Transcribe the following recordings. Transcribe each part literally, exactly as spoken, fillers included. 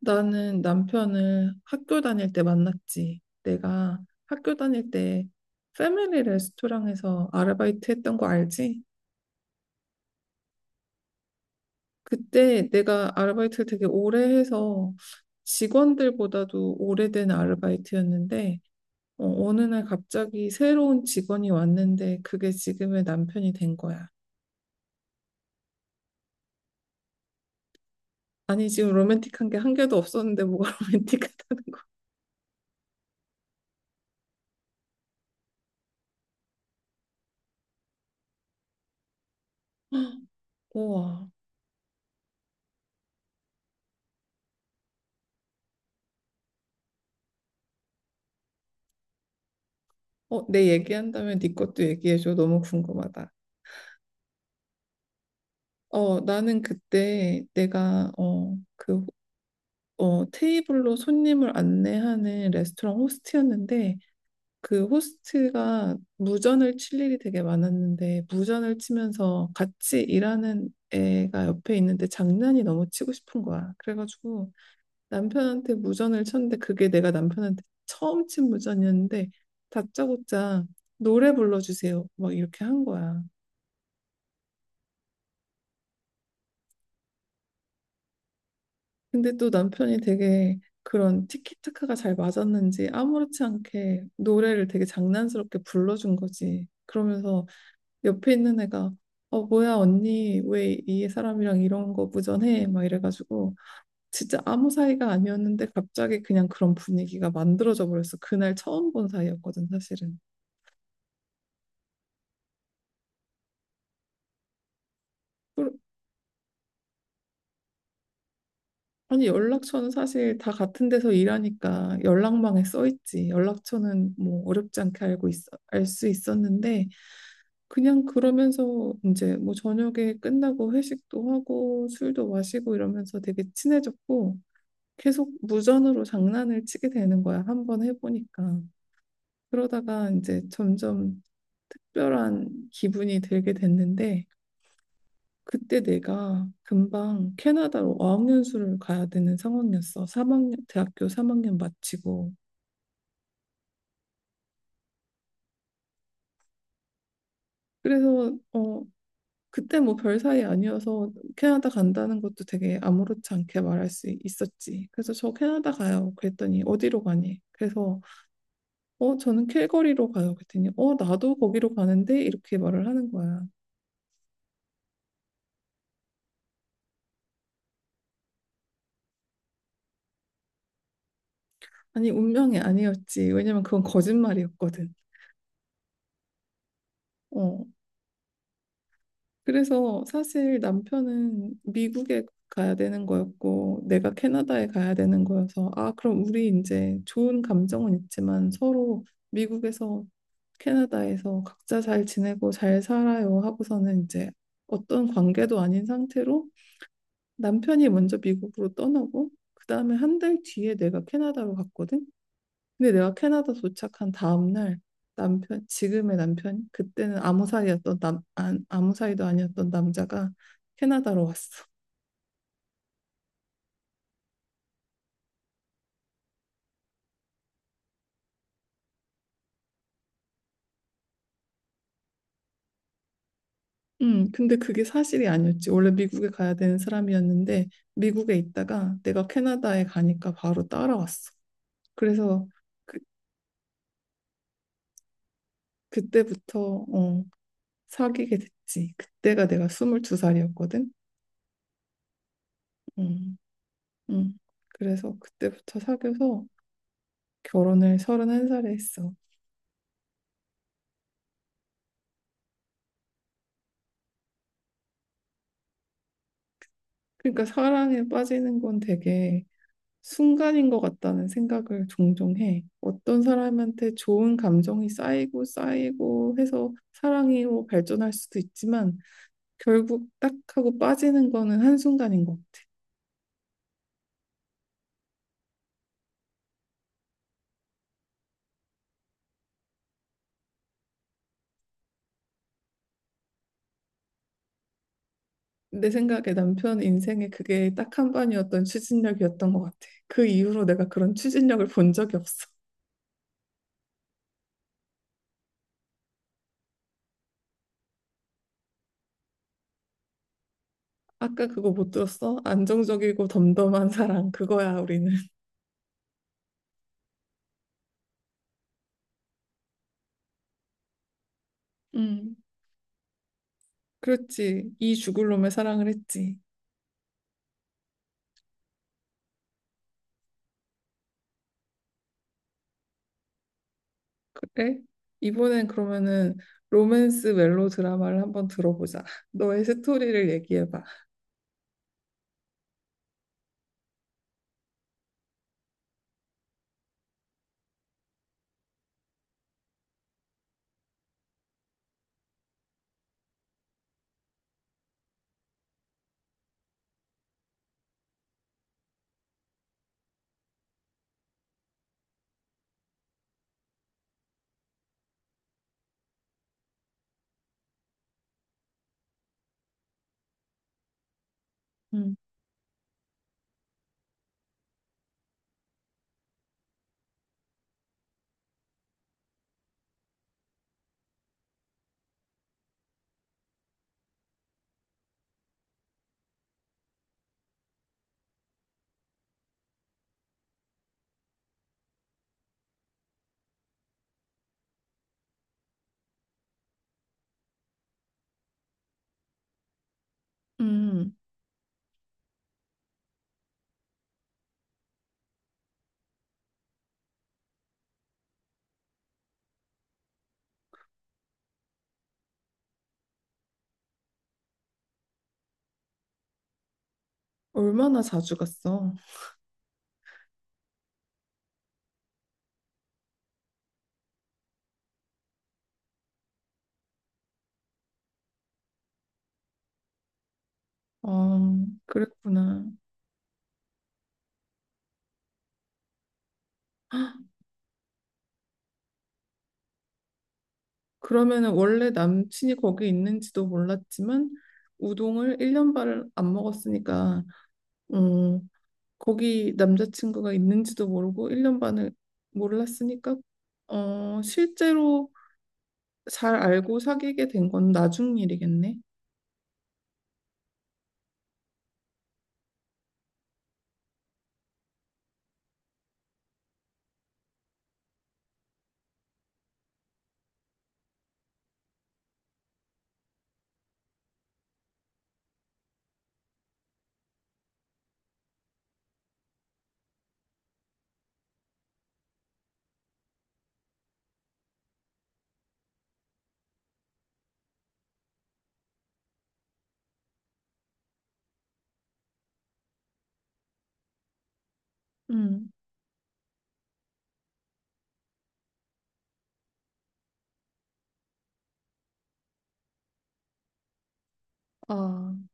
나는 남편을 학교 다닐 때 만났지. 내가 학교 다닐 때 패밀리 레스토랑에서 아르바이트 했던 거 알지? 그때 내가 아르바이트를 되게 오래 해서 직원들보다도 오래된 아르바이트였는데 어, 어느 날 갑자기 새로운 직원이 왔는데 그게 지금의 남편이 된 거야. 아니 지금 로맨틱한 게 한 개도 없었는데 뭐가 로맨틱하다는 거야. 우와. 어, 내 얘기한다면 네 것도 얘기해줘. 너무 궁금하다. 어, 나는 그때 내가 어, 그 어, 테이블로 손님을 안내하는 레스토랑 호스트였는데 그 호스트가 무전을 칠 일이 되게 많았는데 무전을 치면서 같이 일하는 애가 옆에 있는데 장난이 너무 치고 싶은 거야. 그래가지고 남편한테 무전을 쳤는데 그게 내가 남편한테 처음 친 무전이었는데 다짜고짜 노래 불러주세요. 막 이렇게 한 거야. 근데 또 남편이 되게 그런 티키타카가 잘 맞았는지 아무렇지 않게 노래를 되게 장난스럽게 불러준 거지. 그러면서 옆에 있는 애가 어 뭐야 언니 왜 이 사람이랑 이런 거 무전해? 막 이래가지고 진짜 아무 사이가 아니었는데 갑자기 그냥 그런 분위기가 만들어져 버렸어. 그날 처음 본 사이였거든 사실은. 아니 연락처는 사실 다 같은 데서 일하니까 연락망에 써 있지. 연락처는 뭐 어렵지 않게 알고 있어 알 수 있었는데 그냥 그러면서 이제 뭐 저녁에 끝나고 회식도 하고 술도 마시고 이러면서 되게 친해졌고 계속 무전으로 장난을 치게 되는 거야. 한 번 해보니까. 그러다가 이제 점점 특별한 기분이 들게 됐는데 그때 내가 금방 캐나다로 어학연수를 가야 되는 상황이었어. 삼 학년, 대학교 삼 학년 마치고. 그래서 어, 그때 뭐 별 사이 아니어서 캐나다 간다는 것도 되게 아무렇지 않게 말할 수 있었지. 그래서 저 캐나다 가요. 그랬더니 어디로 가니? 그래서 어 저는 캘거리로 가요. 그랬더니 어 나도 거기로 가는데 이렇게 말을 하는 거야. 아니 운명이 아니었지. 왜냐면 그건 거짓말이었거든. 어 그래서 사실 남편은 미국에 가야 되는 거였고 내가 캐나다에 가야 되는 거여서 아 그럼 우리 이제 좋은 감정은 있지만 서로 미국에서 캐나다에서 각자 잘 지내고 잘 살아요 하고서는 이제 어떤 관계도 아닌 상태로 남편이 먼저 미국으로 떠나고 그다음에 한 달 뒤에 내가 캐나다로 갔거든. 근데 내가 캐나다 도착한 다음날 남편, 지금의 남편, 그때는 아무 사이였던 남, 안, 아무 사이도 아니었던 남자가 캐나다로 왔어. 음, 근데 그게 사실이 아니었지. 원래 미국에 가야 되는 사람이었는데 미국에 있다가 내가 캐나다에 가니까 바로 따라왔어. 그래서 그, 그때부터 어, 사귀게 됐지. 그때가 내가 스물두 살이었거든. 음, 음. 그래서 그때부터 사귀어서 결혼을 서른한 살에 했어. 그러니까 사랑에 빠지는 건 되게 순간인 것 같다는 생각을 종종 해. 어떤 사람한테 좋은 감정이 쌓이고 쌓이고 해서 사랑으로 발전할 수도 있지만 결국 딱 하고 빠지는 거는 한순간인 것 같아. 내 생각에 남편 인생에 그게 딱 한 번이었던 추진력이었던 것 같아. 그 이후로 내가 그런 추진력을 본 적이 없어. 아까 그거 못 들었어? 안정적이고 덤덤한 사랑, 그거야, 우리는. 음, 그렇지. 이 죽을 놈의 사랑을 했지. 그래? 이번엔 그러면은 로맨스 멜로 드라마를 한번 들어보자. 너의 스토리를 얘기해봐. 음, 음, 얼마나 자주 갔어? 어, 그랬구나. 그러면은 원래 남친이 거기 있는지도 몰랐지만 우동을 일 년 반을 안 먹었으니까 어, 거기 남자친구가 있는지도 모르고 일 년 반을 몰랐으니까 어, 실제로 잘 알고 사귀게 된 건 나중 일이겠네. 음. 아,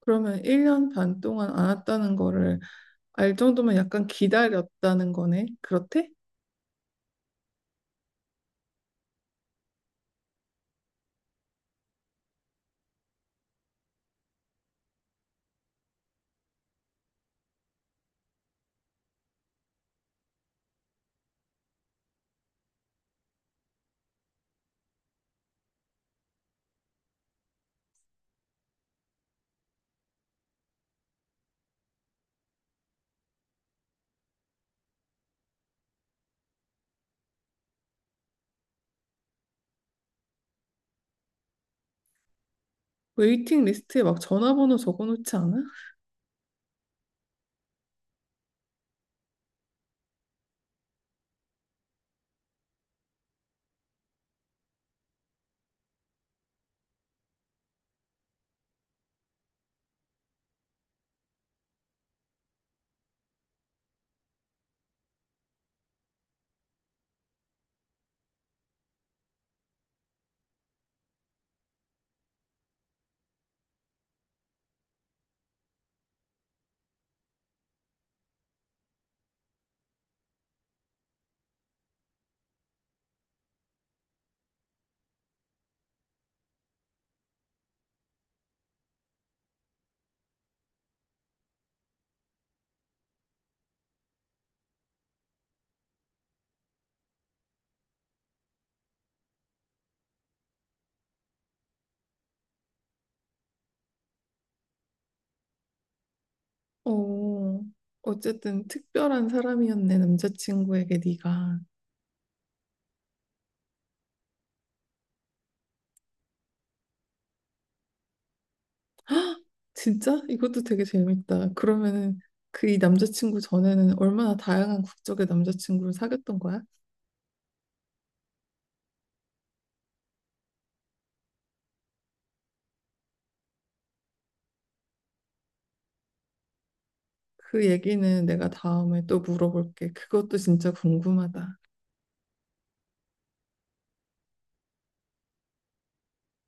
그러면 일 년 반 동안 안 왔다는 거를 알 정도면 약간 기다렸다는 거네. 그렇대? 웨이팅 리스트에 막 전화번호 적어놓지 않아? 어, 어쨌든 특별한 사람이었네, 남자친구에게 네가. 진짜? 이것도 되게 재밌다. 그러면은 그 이 남자친구 전에는 얼마나 다양한 국적의 남자친구를 사귀었던 거야? 그 얘기는 내가 다음에 또 물어볼게. 그것도 진짜 궁금하다.